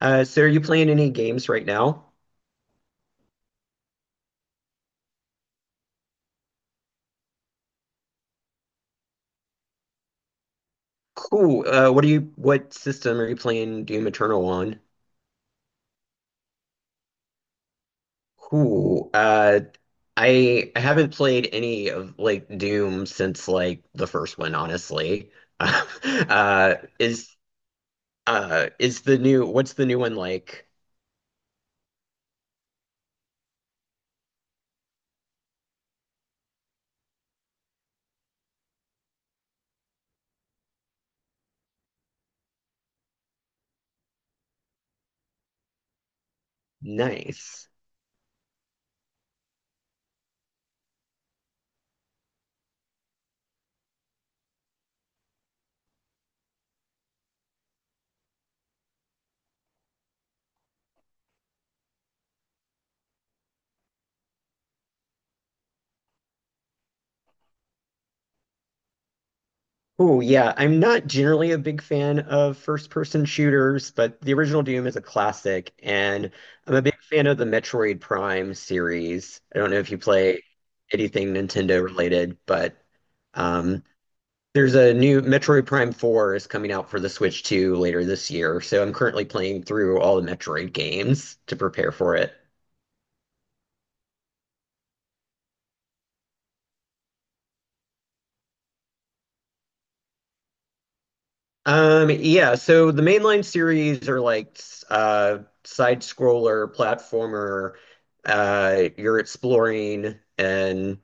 So are you playing any games right now? Cool. What system are you playing Doom Eternal on? Cool. I haven't played any of like Doom since like the first one, honestly. Uh, is is the new what's the new one like? Nice. Oh, yeah. I'm not generally a big fan of first-person shooters, but the original Doom is a classic, and I'm a big fan of the Metroid Prime series. I don't know if you play anything Nintendo related, but um, there's a new Metroid Prime 4 is coming out for the Switch 2 later this year, so I'm currently playing through all the Metroid games to prepare for it. Yeah, so the mainline series are like uh side scroller platformer. You're exploring and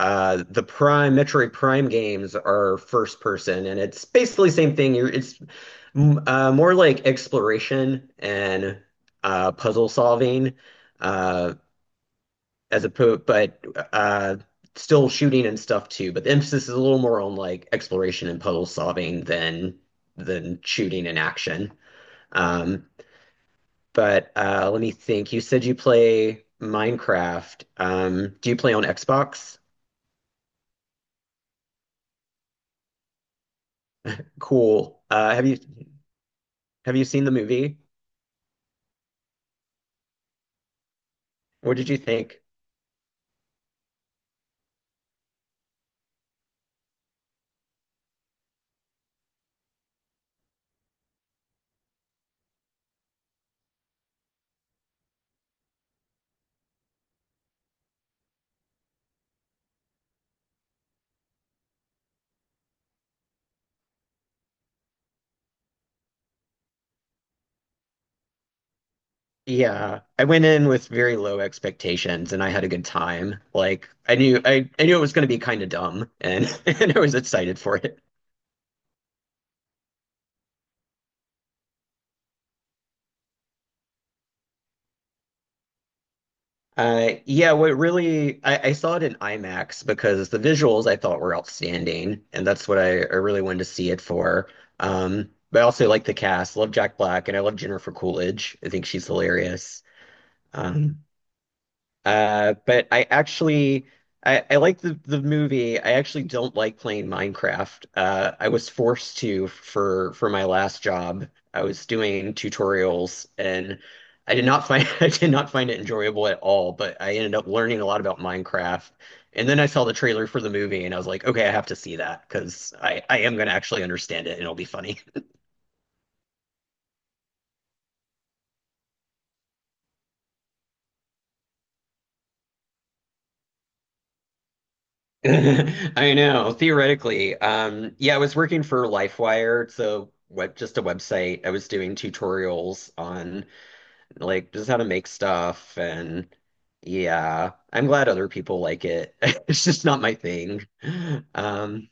the Prime Metroid Prime games are first person and it's basically the same thing. You're it's mm, more like exploration and puzzle solving. Uh as a po but uh Still shooting and stuff too, but the emphasis is a little more on like exploration and puzzle solving than shooting and action. Um, but Let me think. You said you play Minecraft. Do you play on Xbox? Cool. Have you seen the movie? What did you think? Yeah, I went in with very low expectations and I had a good time. Like I knew it was going to be kind of dumb and and I was excited for it. Yeah, I saw it in IMAX because the visuals I thought were outstanding, and that's what I really wanted to see it for. But I also like the cast. Love Jack Black, and I love Jennifer Coolidge. I think she's hilarious. Um, but I actually I like the movie. I actually don't like playing Minecraft. I was forced to for my last job. I was doing tutorials and I did not find I did not find it enjoyable at all, but I ended up learning a lot about Minecraft. And then I saw the trailer for the movie and I was like, okay, I have to see that because I am going to actually understand it and it'll be funny. I know, theoretically. Yeah, I was working for LifeWire. Just a website. I was doing tutorials on like just how to make stuff and yeah, I'm glad other people like it. It's just not my thing. Um,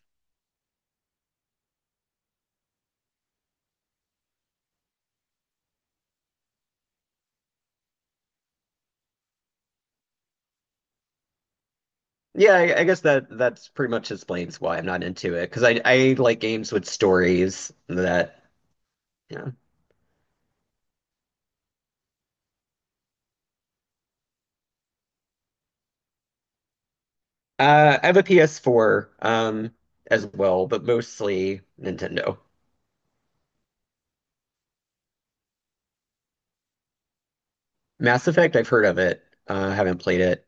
yeah, I guess that that's pretty much explains why I'm not into it because I like games with stories that yeah. I have a PS4 as well, but mostly Nintendo. Mass Effect, I've heard of it. Haven't played it.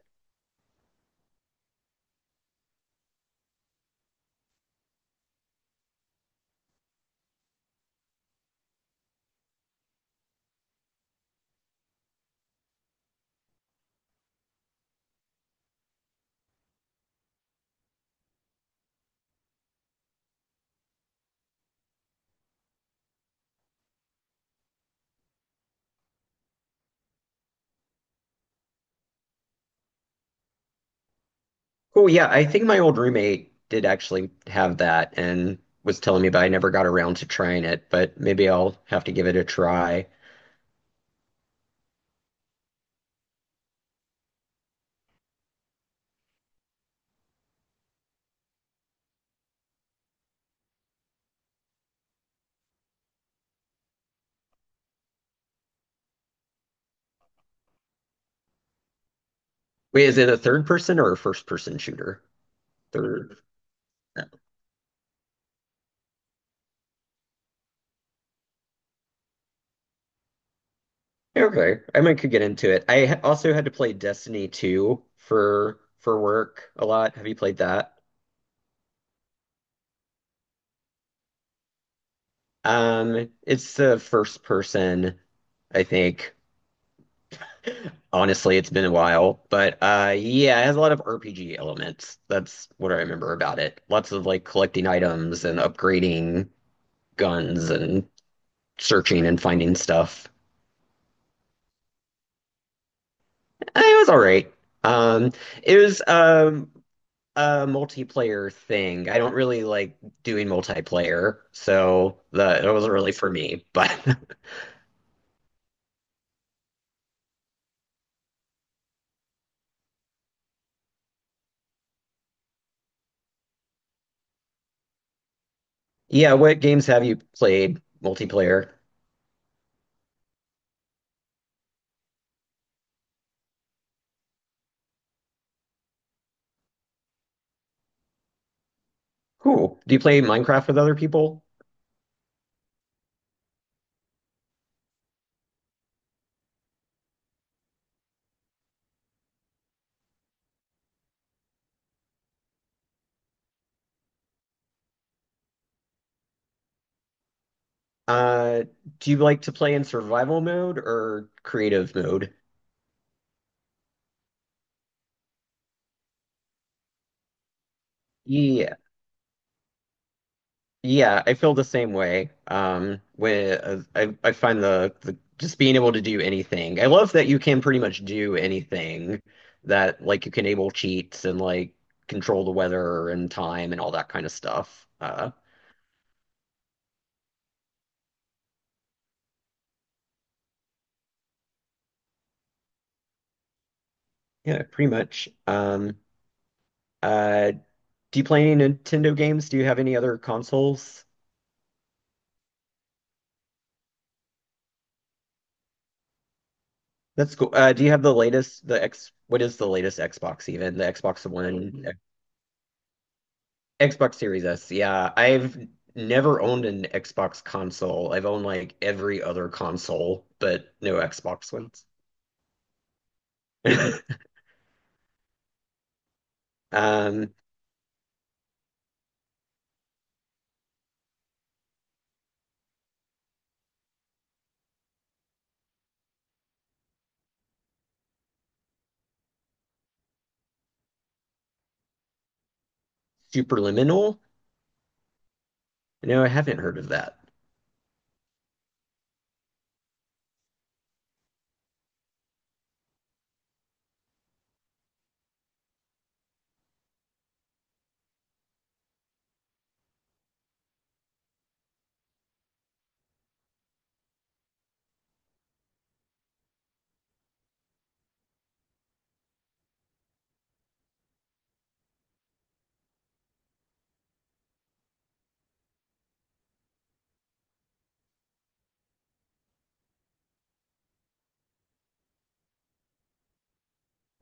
Oh yeah, I think my old roommate did actually have that and was telling me, but I never got around to trying it. But maybe I'll have to give it a try. Wait, is it a third person or a first person shooter? Third. Okay, I might could get into it. Also had to play Destiny 2 for work a lot. Have you played that? It's the first person, I think. Honestly, it's been a while, but yeah, it has a lot of RPG elements. That's what I remember about it. Lots of like collecting items and upgrading guns and searching and finding stuff. Eh, it was all right. Um it was a multiplayer thing. I don't really like doing multiplayer, so that it wasn't really for me. But yeah, what games have you played multiplayer? Cool. Do you play Minecraft with other people? Uh, do you like to play in survival mode or creative mode? Yeah, yeah, I feel the same way. When I find the just being able to do anything. I love that you can pretty much do anything that like you can enable cheats and like control the weather and time and all that kind of stuff. Yeah, pretty much. Uh, do you play any Nintendo games? Do you have any other consoles? That's cool. Do you have the latest, the X, what is the latest Xbox even? The Xbox One, Xbox Series S. Yeah, I've never owned an Xbox console. I've owned like every other console, but no Xbox ones. Um, Superliminal? No, I haven't heard of that.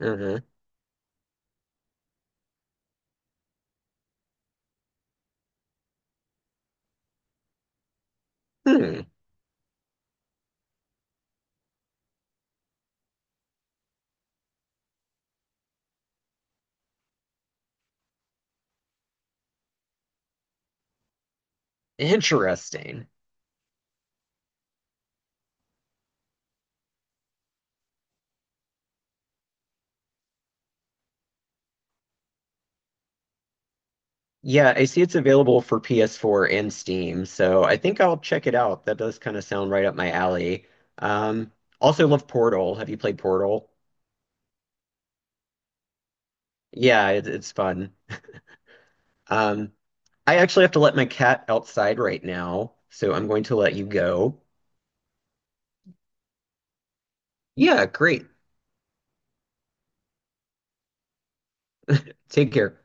Uh-huh. Hmm. Interesting. Yeah, I see it's available for PS4 and Steam, so I think I'll check it out. That does kind of sound right up my alley. Um, Also love Portal. Have you played Portal? Yeah, it, it's fun. Um, I actually have to let my cat outside right now, so I'm going to let you go. Yeah, great. Take care.